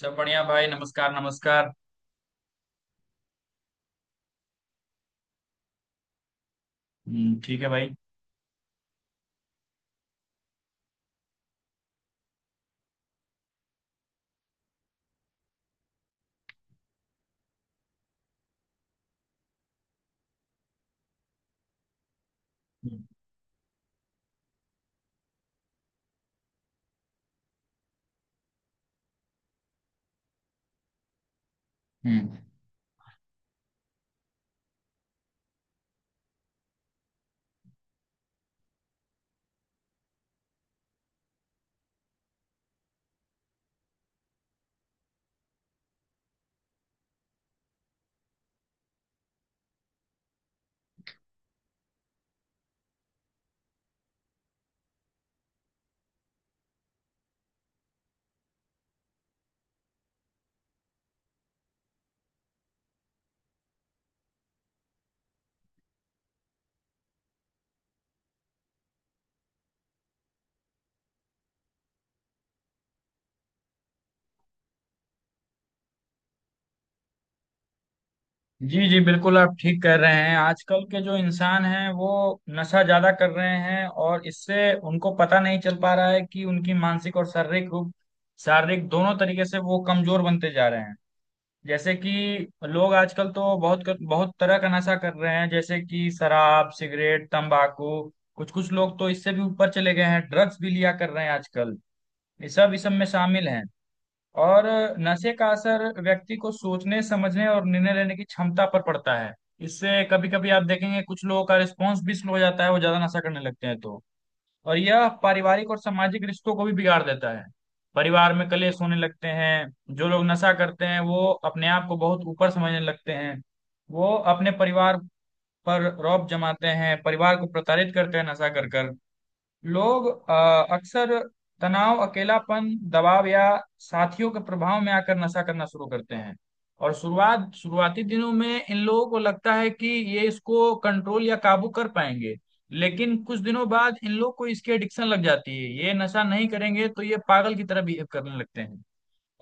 सब बढ़िया भाई। नमस्कार नमस्कार ठीक है भाई। हम्म। जी जी, बिल्कुल आप ठीक कह रहे हैं। आजकल के जो इंसान हैं वो नशा ज्यादा कर रहे हैं, और इससे उनको पता नहीं चल पा रहा है कि उनकी मानसिक और शारीरिक रूप शारीरिक दोनों तरीके से वो कमजोर बनते जा रहे हैं। जैसे कि लोग आजकल तो बहुत बहुत तरह का नशा कर रहे हैं, जैसे कि शराब, सिगरेट, तंबाकू। कुछ कुछ लोग तो इससे भी ऊपर चले गए हैं, ड्रग्स भी लिया कर रहे हैं आजकल। ये सब इस सब में शामिल हैं। और नशे का असर व्यक्ति को सोचने, समझने और निर्णय लेने की क्षमता पर पड़ता है। इससे कभी कभी आप देखेंगे कुछ लोगों का रिस्पॉन्स भी स्लो हो जाता है, वो ज्यादा नशा करने लगते हैं तो। और यह पारिवारिक और सामाजिक रिश्तों को भी बिगाड़ देता है। परिवार में कलेश होने लगते हैं। जो लोग नशा करते हैं वो अपने आप को बहुत ऊपर समझने लगते हैं। वो अपने परिवार पर रौब जमाते हैं, परिवार को प्रताड़ित करते हैं नशा कर कर। लोग अक्सर तनाव, अकेलापन, दबाव या साथियों के प्रभाव में आकर नशा करना शुरू करते हैं। और शुरुआती दिनों में इन लोगों को लगता है कि ये इसको कंट्रोल या काबू कर पाएंगे, लेकिन कुछ दिनों बाद इन लोग को इसकी एडिक्शन लग जाती है। ये नशा नहीं करेंगे तो ये पागल की तरह बिहेव करने लगते हैं,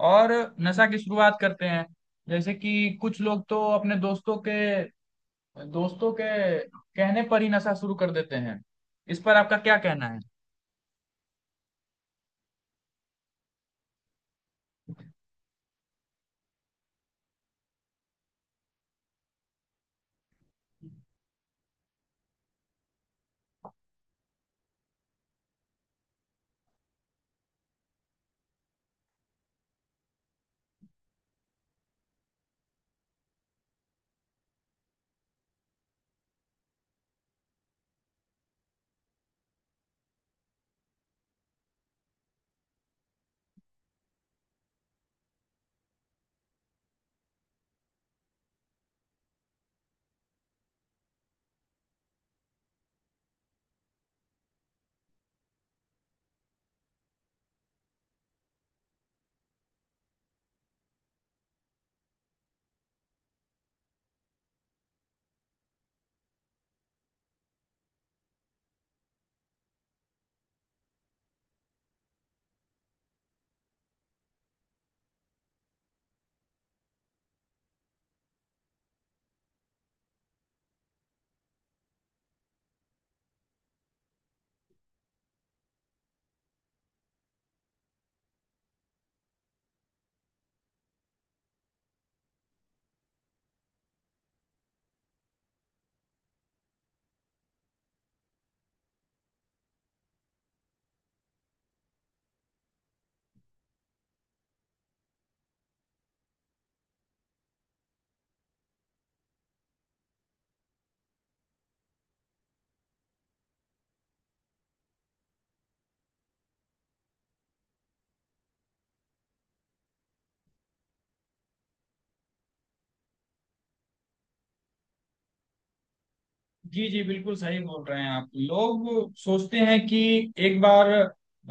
और नशा की शुरुआत करते हैं। जैसे कि कुछ लोग तो अपने दोस्तों के कहने पर ही नशा शुरू कर देते हैं। इस पर आपका क्या कहना है? जी जी, बिल्कुल सही बोल रहे हैं। आप लोग सोचते हैं कि एक बार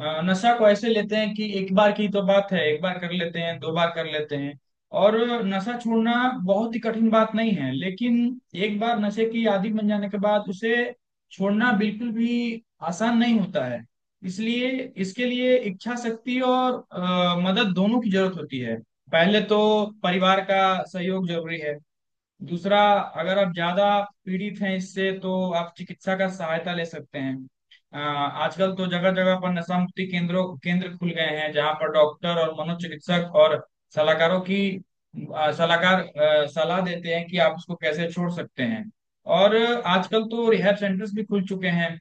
नशा को ऐसे लेते हैं कि एक बार की तो बात है, एक बार कर लेते हैं, दो बार कर लेते हैं। और नशा छोड़ना बहुत ही कठिन बात नहीं है, लेकिन एक बार नशे की आदि बन जाने के बाद उसे छोड़ना बिल्कुल भी आसान नहीं होता है। इसलिए इसके लिए इच्छा शक्ति और मदद दोनों की जरूरत होती है। पहले तो परिवार का सहयोग जरूरी है। दूसरा, अगर आप ज्यादा पीड़ित हैं इससे तो आप चिकित्सा का सहायता ले सकते हैं। आजकल तो जगह जगह पर नशा मुक्ति केंद्र खुल गए हैं, जहाँ पर डॉक्टर और मनोचिकित्सक और सलाहकार सलाह देते हैं कि आप उसको कैसे छोड़ सकते हैं। और आजकल तो रिहैब सेंटर्स भी खुल चुके हैं।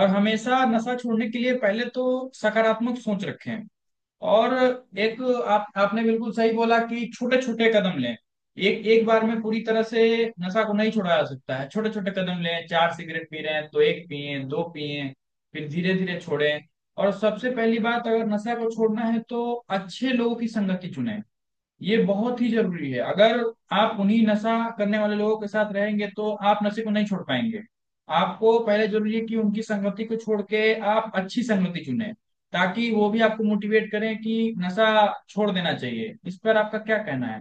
और हमेशा नशा छोड़ने के लिए पहले तो सकारात्मक सोच रखें। और एक, आप आपने बिल्कुल सही बोला कि छोटे छोटे कदम लें। एक एक बार में पूरी तरह से नशा को नहीं छोड़ा जा सकता है, छोटे छोटे कदम लें। चार सिगरेट पी रहे हैं तो एक पिए, दो पिए, फिर धीरे धीरे छोड़ें। और सबसे पहली बात, अगर नशा को छोड़ना है तो अच्छे लोगों की संगति चुनें। ये बहुत ही जरूरी है। अगर आप उन्हीं नशा करने वाले लोगों के साथ रहेंगे तो आप नशे को नहीं छोड़ पाएंगे। आपको पहले जरूरी है कि उनकी संगति को छोड़ के आप अच्छी संगति चुने, ताकि वो भी आपको मोटिवेट करें कि नशा छोड़ देना चाहिए। इस पर आपका क्या कहना है?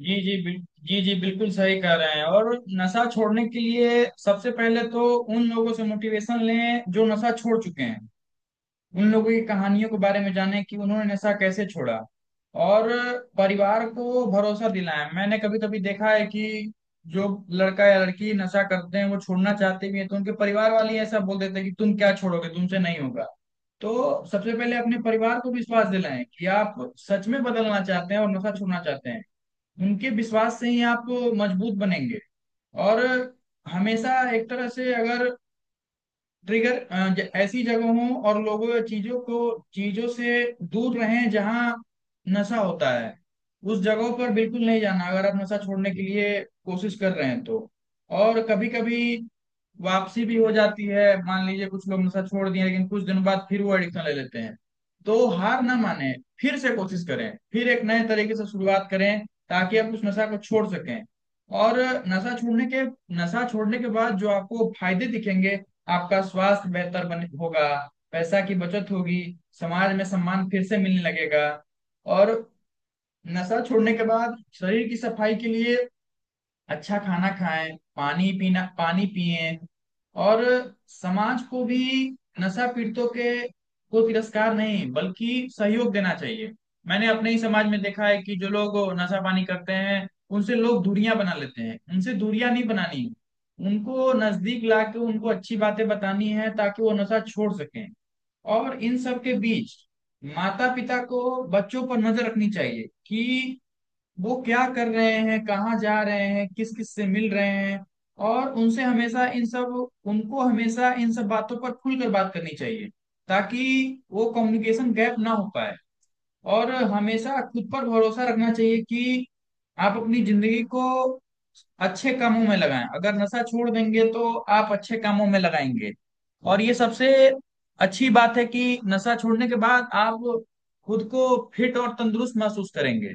जी जी बिल, जी जी, बिल्कुल सही कह रहे हैं। और नशा छोड़ने के लिए सबसे पहले तो उन लोगों से मोटिवेशन लें जो नशा छोड़ चुके हैं। उन लोगों की कहानियों के बारे में जाने कि उन्होंने नशा कैसे छोड़ा। और परिवार को भरोसा दिलाया। मैंने कभी कभी देखा है कि जो लड़का या लड़की नशा करते हैं वो छोड़ना चाहते भी हैं, तो उनके परिवार वाले ही ऐसा बोल देते हैं कि तुम क्या छोड़ोगे, तुमसे नहीं होगा। तो सबसे पहले अपने परिवार को विश्वास दिलाएं कि आप सच में बदलना चाहते हैं और नशा छोड़ना चाहते हैं। उनके विश्वास से ही आप मजबूत बनेंगे। और हमेशा एक तरह से, अगर ट्रिगर ऐसी जगहों और लोगों या चीजों से दूर रहें जहां नशा होता है। उस जगहों पर बिल्कुल नहीं जाना, अगर आप नशा छोड़ने के लिए कोशिश कर रहे हैं तो। और कभी कभी वापसी भी हो जाती है। मान लीजिए कुछ लोग नशा छोड़ दिए, लेकिन कुछ दिन बाद फिर वो एडिक्शन ले लेते हैं। तो हार ना माने, फिर से कोशिश करें, फिर एक नए तरीके से शुरुआत करें ताकि आप उस नशा को छोड़ सकें। और नशा छोड़ने के नशा छोड़ने के बाद जो आपको फायदे दिखेंगे, आपका स्वास्थ्य बेहतर बने होगा, पैसा की बचत होगी, समाज में सम्मान फिर से मिलने लगेगा। और नशा छोड़ने के बाद शरीर की सफाई के लिए अच्छा खाना खाएं, पानी पिएं। और समाज को भी नशा पीड़ितों के को तिरस्कार नहीं बल्कि सहयोग देना चाहिए। मैंने अपने ही समाज में देखा है कि जो लोग नशा पानी करते हैं उनसे लोग दूरियां बना लेते हैं। उनसे दूरियां नहीं बनानी है, उनको नजदीक लाके उनको अच्छी बातें बतानी है ताकि वो नशा छोड़ सकें। और इन सब के बीच माता पिता को बच्चों पर नजर रखनी चाहिए कि वो क्या कर रहे हैं, कहाँ जा रहे हैं, किस किस से मिल रहे हैं। और उनसे हमेशा इन सब उनको हमेशा इन सब बातों पर खुलकर बात करनी चाहिए, ताकि वो कम्युनिकेशन गैप ना हो पाए। और हमेशा खुद पर भरोसा रखना चाहिए कि आप अपनी जिंदगी को अच्छे कामों में लगाएं। अगर नशा छोड़ देंगे तो आप अच्छे कामों में लगाएंगे। और ये सबसे अच्छी बात है कि नशा छोड़ने के बाद आप खुद को फिट और तंदुरुस्त महसूस करेंगे।